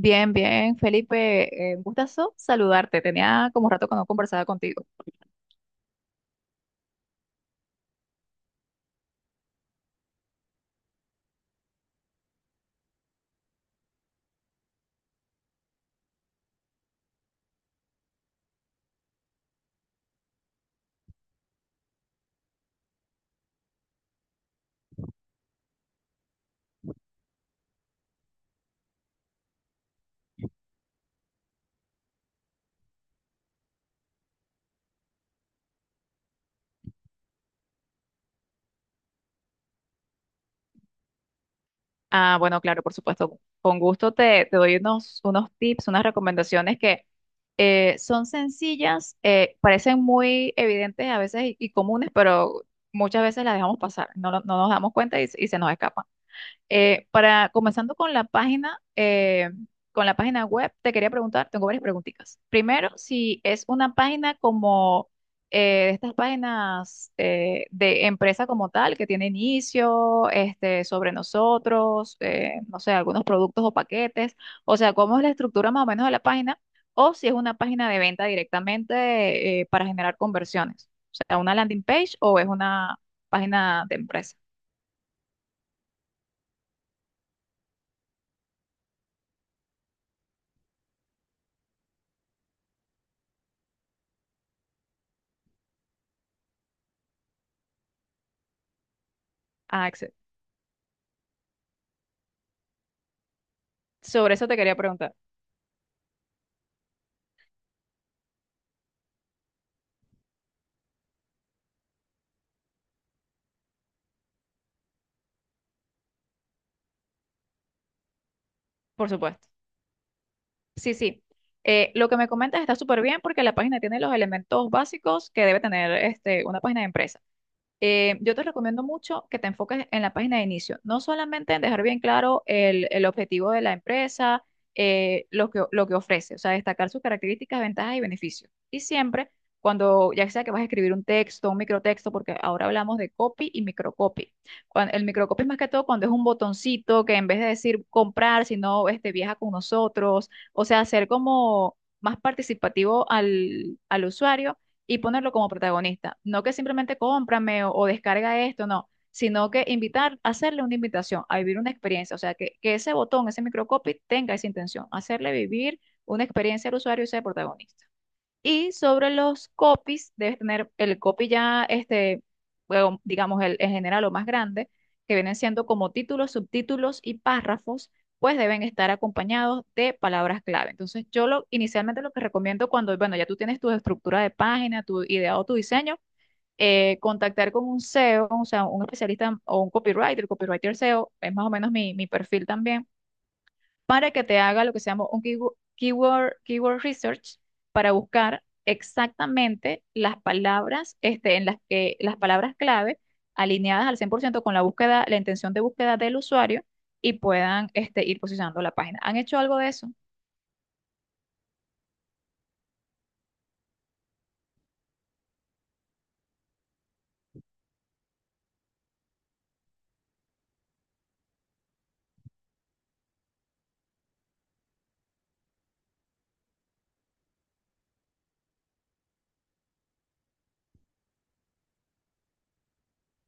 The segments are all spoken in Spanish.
Bien, bien, Felipe, un gustazo saludarte. Tenía como rato que no conversaba contigo. Ah, bueno, claro, por supuesto. Con gusto te doy unos tips, unas recomendaciones que son sencillas, parecen muy evidentes a veces y comunes, pero muchas veces las dejamos pasar. No, no nos damos cuenta y se nos escapan. Comenzando con la página web, te quería preguntar, tengo varias preguntitas. Primero, si es una página como estas páginas de empresa como tal, que tiene inicio, este, sobre nosotros, no sé, algunos productos o paquetes, o sea, cómo es la estructura más o menos de la página, o si es una página de venta directamente para generar conversiones, o sea, una landing page o es una página de empresa. Ah, excelente. Sobre eso te quería preguntar. Por supuesto. Sí, sí. Lo que me comentas está súper bien porque la página tiene los elementos básicos que debe tener este, una página de empresa. Yo te recomiendo mucho que te enfoques en la página de inicio, no solamente en dejar bien claro el objetivo de la empresa, lo que ofrece, o sea, destacar sus características, ventajas y beneficios. Y siempre, cuando ya sea que vas a escribir un texto, un microtexto, porque ahora hablamos de copy y microcopy. El microcopy es más que todo cuando es un botoncito que en vez de decir comprar, sino este, viaja con nosotros, o sea, hacer como más participativo al usuario y ponerlo como protagonista. No que simplemente cómprame o descarga esto, no, sino que invitar, hacerle una invitación a vivir una experiencia, o sea, que ese botón, ese microcopy tenga esa intención, hacerle vivir una experiencia al usuario y ser protagonista. Y sobre los copies, debes tener el copy ya, este, bueno, digamos, el, en general o más grande, que vienen siendo como títulos, subtítulos y párrafos, pues deben estar acompañados de palabras clave. Entonces, inicialmente lo que recomiendo cuando, bueno, ya tú tienes tu estructura de página, tu ideado, tu diseño, contactar con un SEO, o sea, un especialista o un copywriter SEO, es más o menos mi perfil también para que te haga lo que se llama un keyword research para buscar exactamente las palabras, este, en las que las palabras clave alineadas al 100% con la búsqueda, la intención de búsqueda del usuario y puedan, este, ir posicionando la página. ¿Han hecho algo de eso?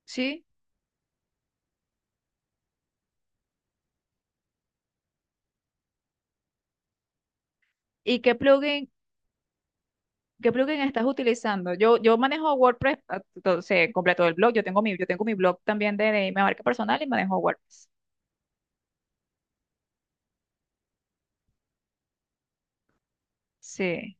¿Sí? ¿Y qué qué plugin estás utilizando? Yo manejo WordPress, ah, entonces completo el blog, yo tengo mi blog también de mi marca personal y manejo WordPress. Sí,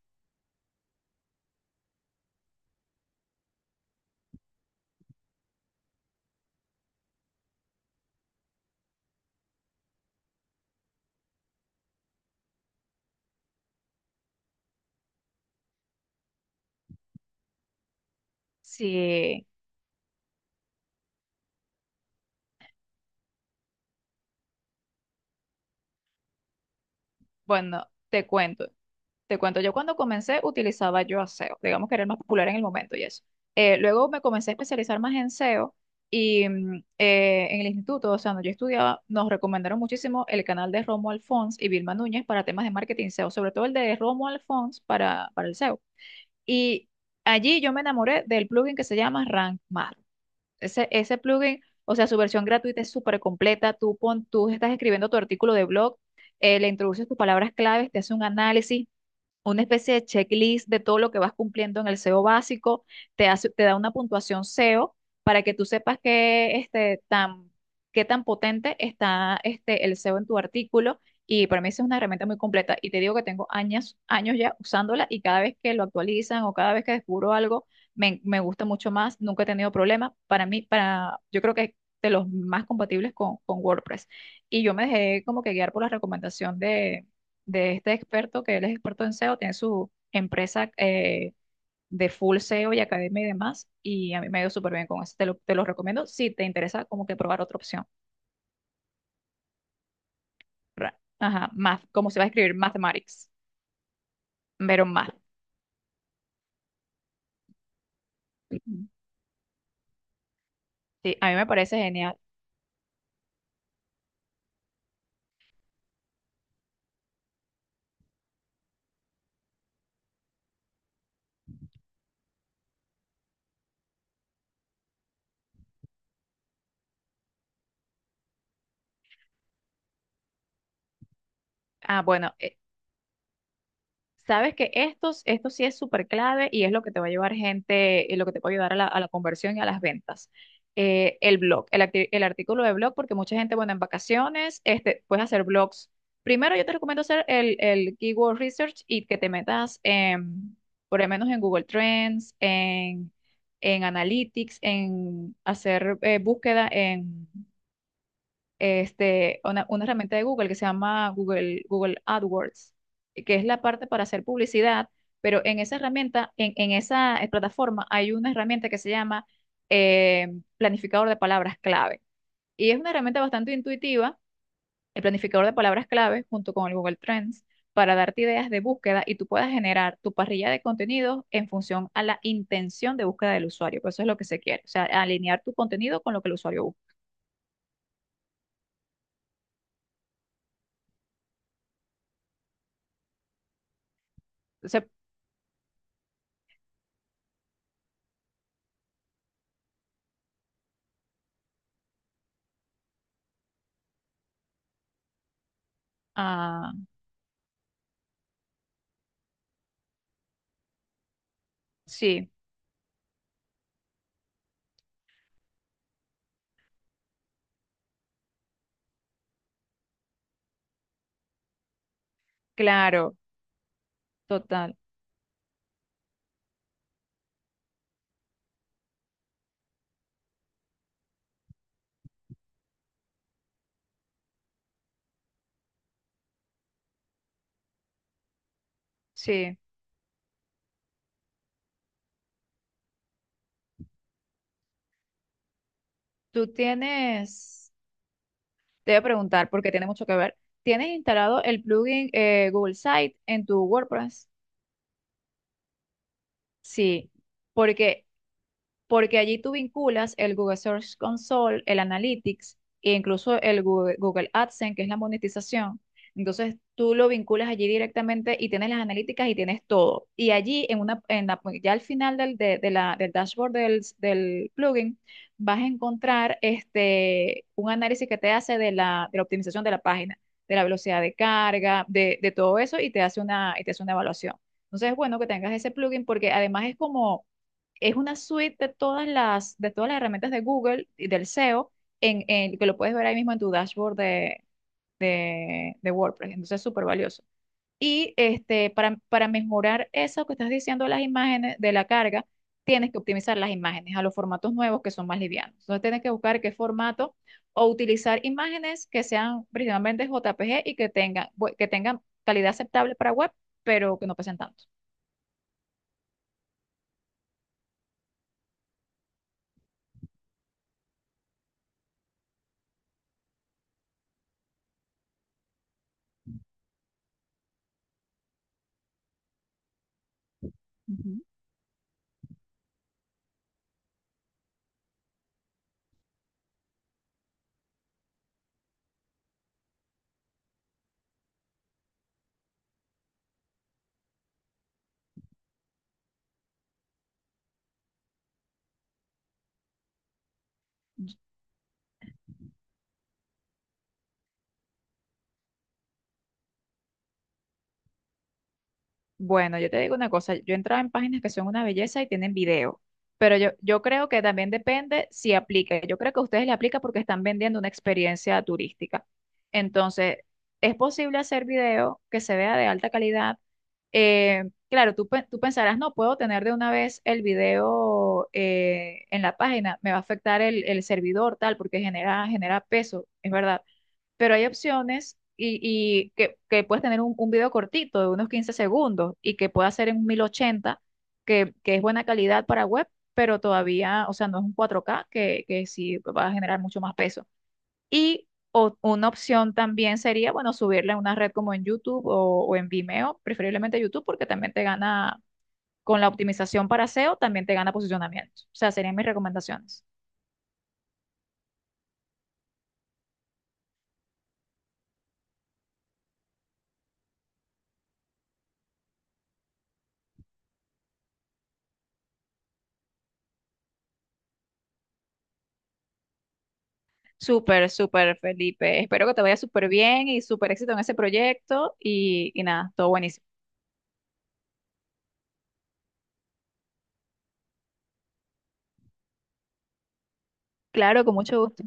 sí. Bueno, te cuento. Te cuento, yo cuando comencé utilizaba yo a SEO, digamos que era el más popular en el momento y eso. Luego me comencé a especializar más en SEO y en el instituto, o sea, donde yo estudiaba, nos recomendaron muchísimo el canal de Romuald Fons y Vilma Núñez para temas de marketing SEO, sobre todo el de Romuald Fons para el SEO. Y allí yo me enamoré del plugin que se llama Rank Math. Ese plugin, o sea, su versión gratuita es súper completa. Tú estás escribiendo tu artículo de blog le introduces tus palabras claves, te hace un análisis, una especie de checklist de todo lo que vas cumpliendo en el SEO básico, te da una puntuación SEO para que tú sepas qué, este, tan, qué tan potente está este, el SEO en tu artículo. Y para mí esa es una herramienta muy completa. Y te digo que tengo años ya usándola y cada vez que lo actualizan o cada vez que descubro algo, me gusta mucho más. Nunca he tenido problema. Yo creo que es de los más compatibles con WordPress. Y yo me dejé como que guiar por la recomendación de este experto, que él es experto en SEO, tiene su empresa de full SEO y academia y demás, y a mí me ha ido súper bien con eso, te lo recomiendo si te interesa como que probar otra opción. Ajá, math, como se va a escribir mathematics, pero math. Ujú. Sí, a mí me parece genial. Ah, bueno, sabes que esto sí es súper clave y es lo que te va a llevar gente, y lo que te va a ayudar a a la conversión y a las ventas. El artículo de blog, porque mucha gente, bueno, en vacaciones, este, puedes hacer blogs. Primero yo te recomiendo hacer el keyword research y que por lo menos en Google Trends, en Analytics, en hacer búsqueda este, una herramienta de Google que se llama Google AdWords, que es la parte para hacer publicidad, pero en esa herramienta, en esa plataforma, hay una herramienta que se llama eh, planificador de palabras clave. Y es una herramienta bastante intuitiva, el planificador de palabras clave, junto con el Google Trends, para darte ideas de búsqueda y tú puedas generar tu parrilla de contenidos en función a la intención de búsqueda del usuario. Pues eso es lo que se quiere, o sea, alinear tu contenido con lo que el usuario busca. Entonces, ah, sí. Claro, total. Sí. Tú tienes, Te voy a preguntar porque tiene mucho que ver. ¿Tienes instalado el plugin Google Site en tu WordPress? Sí, porque allí tú vinculas el Google Search Console, el Analytics e incluso el Google AdSense, que es la monetización. Entonces tú lo vinculas allí directamente y tienes las analíticas y tienes todo. Y allí, en una, en la- pues, ya al final del, de la, del dashboard del plugin, vas a encontrar este, un análisis que te hace de de la optimización de la página, de la velocidad de carga, de todo eso y te hace y te hace una evaluación. Entonces es bueno que tengas ese plugin porque además es como es una suite de todas de todas las herramientas de Google y del SEO, que lo puedes ver ahí mismo en tu dashboard de WordPress. Entonces es súper valioso. Y este, para mejorar eso que estás diciendo de las imágenes, de la carga, tienes que optimizar las imágenes a los formatos nuevos que son más livianos. Entonces tienes que buscar qué formato o utilizar imágenes que sean principalmente JPG y que tengan, que tengan calidad aceptable para web, pero que no pesen tanto. Ujú. Bueno, yo te digo una cosa, yo he entrado en páginas que son una belleza y tienen video, pero yo creo que también depende si aplica. Yo creo que a ustedes le aplica porque están vendiendo una experiencia turística. Entonces, es posible hacer video que se vea de alta calidad. Eh, claro, tú pensarás, no puedo tener de una vez el video en la página, me va a afectar el servidor, tal, porque genera peso, es verdad pero hay opciones y que puedes tener un video cortito de unos 15 segundos y que pueda ser en 1080 que es buena calidad para web, pero todavía, o sea, no es un 4K que sí va a generar mucho más peso. Y una opción también sería, bueno, subirle a una red como en YouTube o en Vimeo, preferiblemente YouTube, porque también te gana, con la optimización para SEO, también te gana posicionamiento. O sea, serían mis recomendaciones. Súper, súper, Felipe. Espero que te vaya súper bien y súper éxito en ese proyecto y nada, todo buenísimo. Claro, con mucho gusto.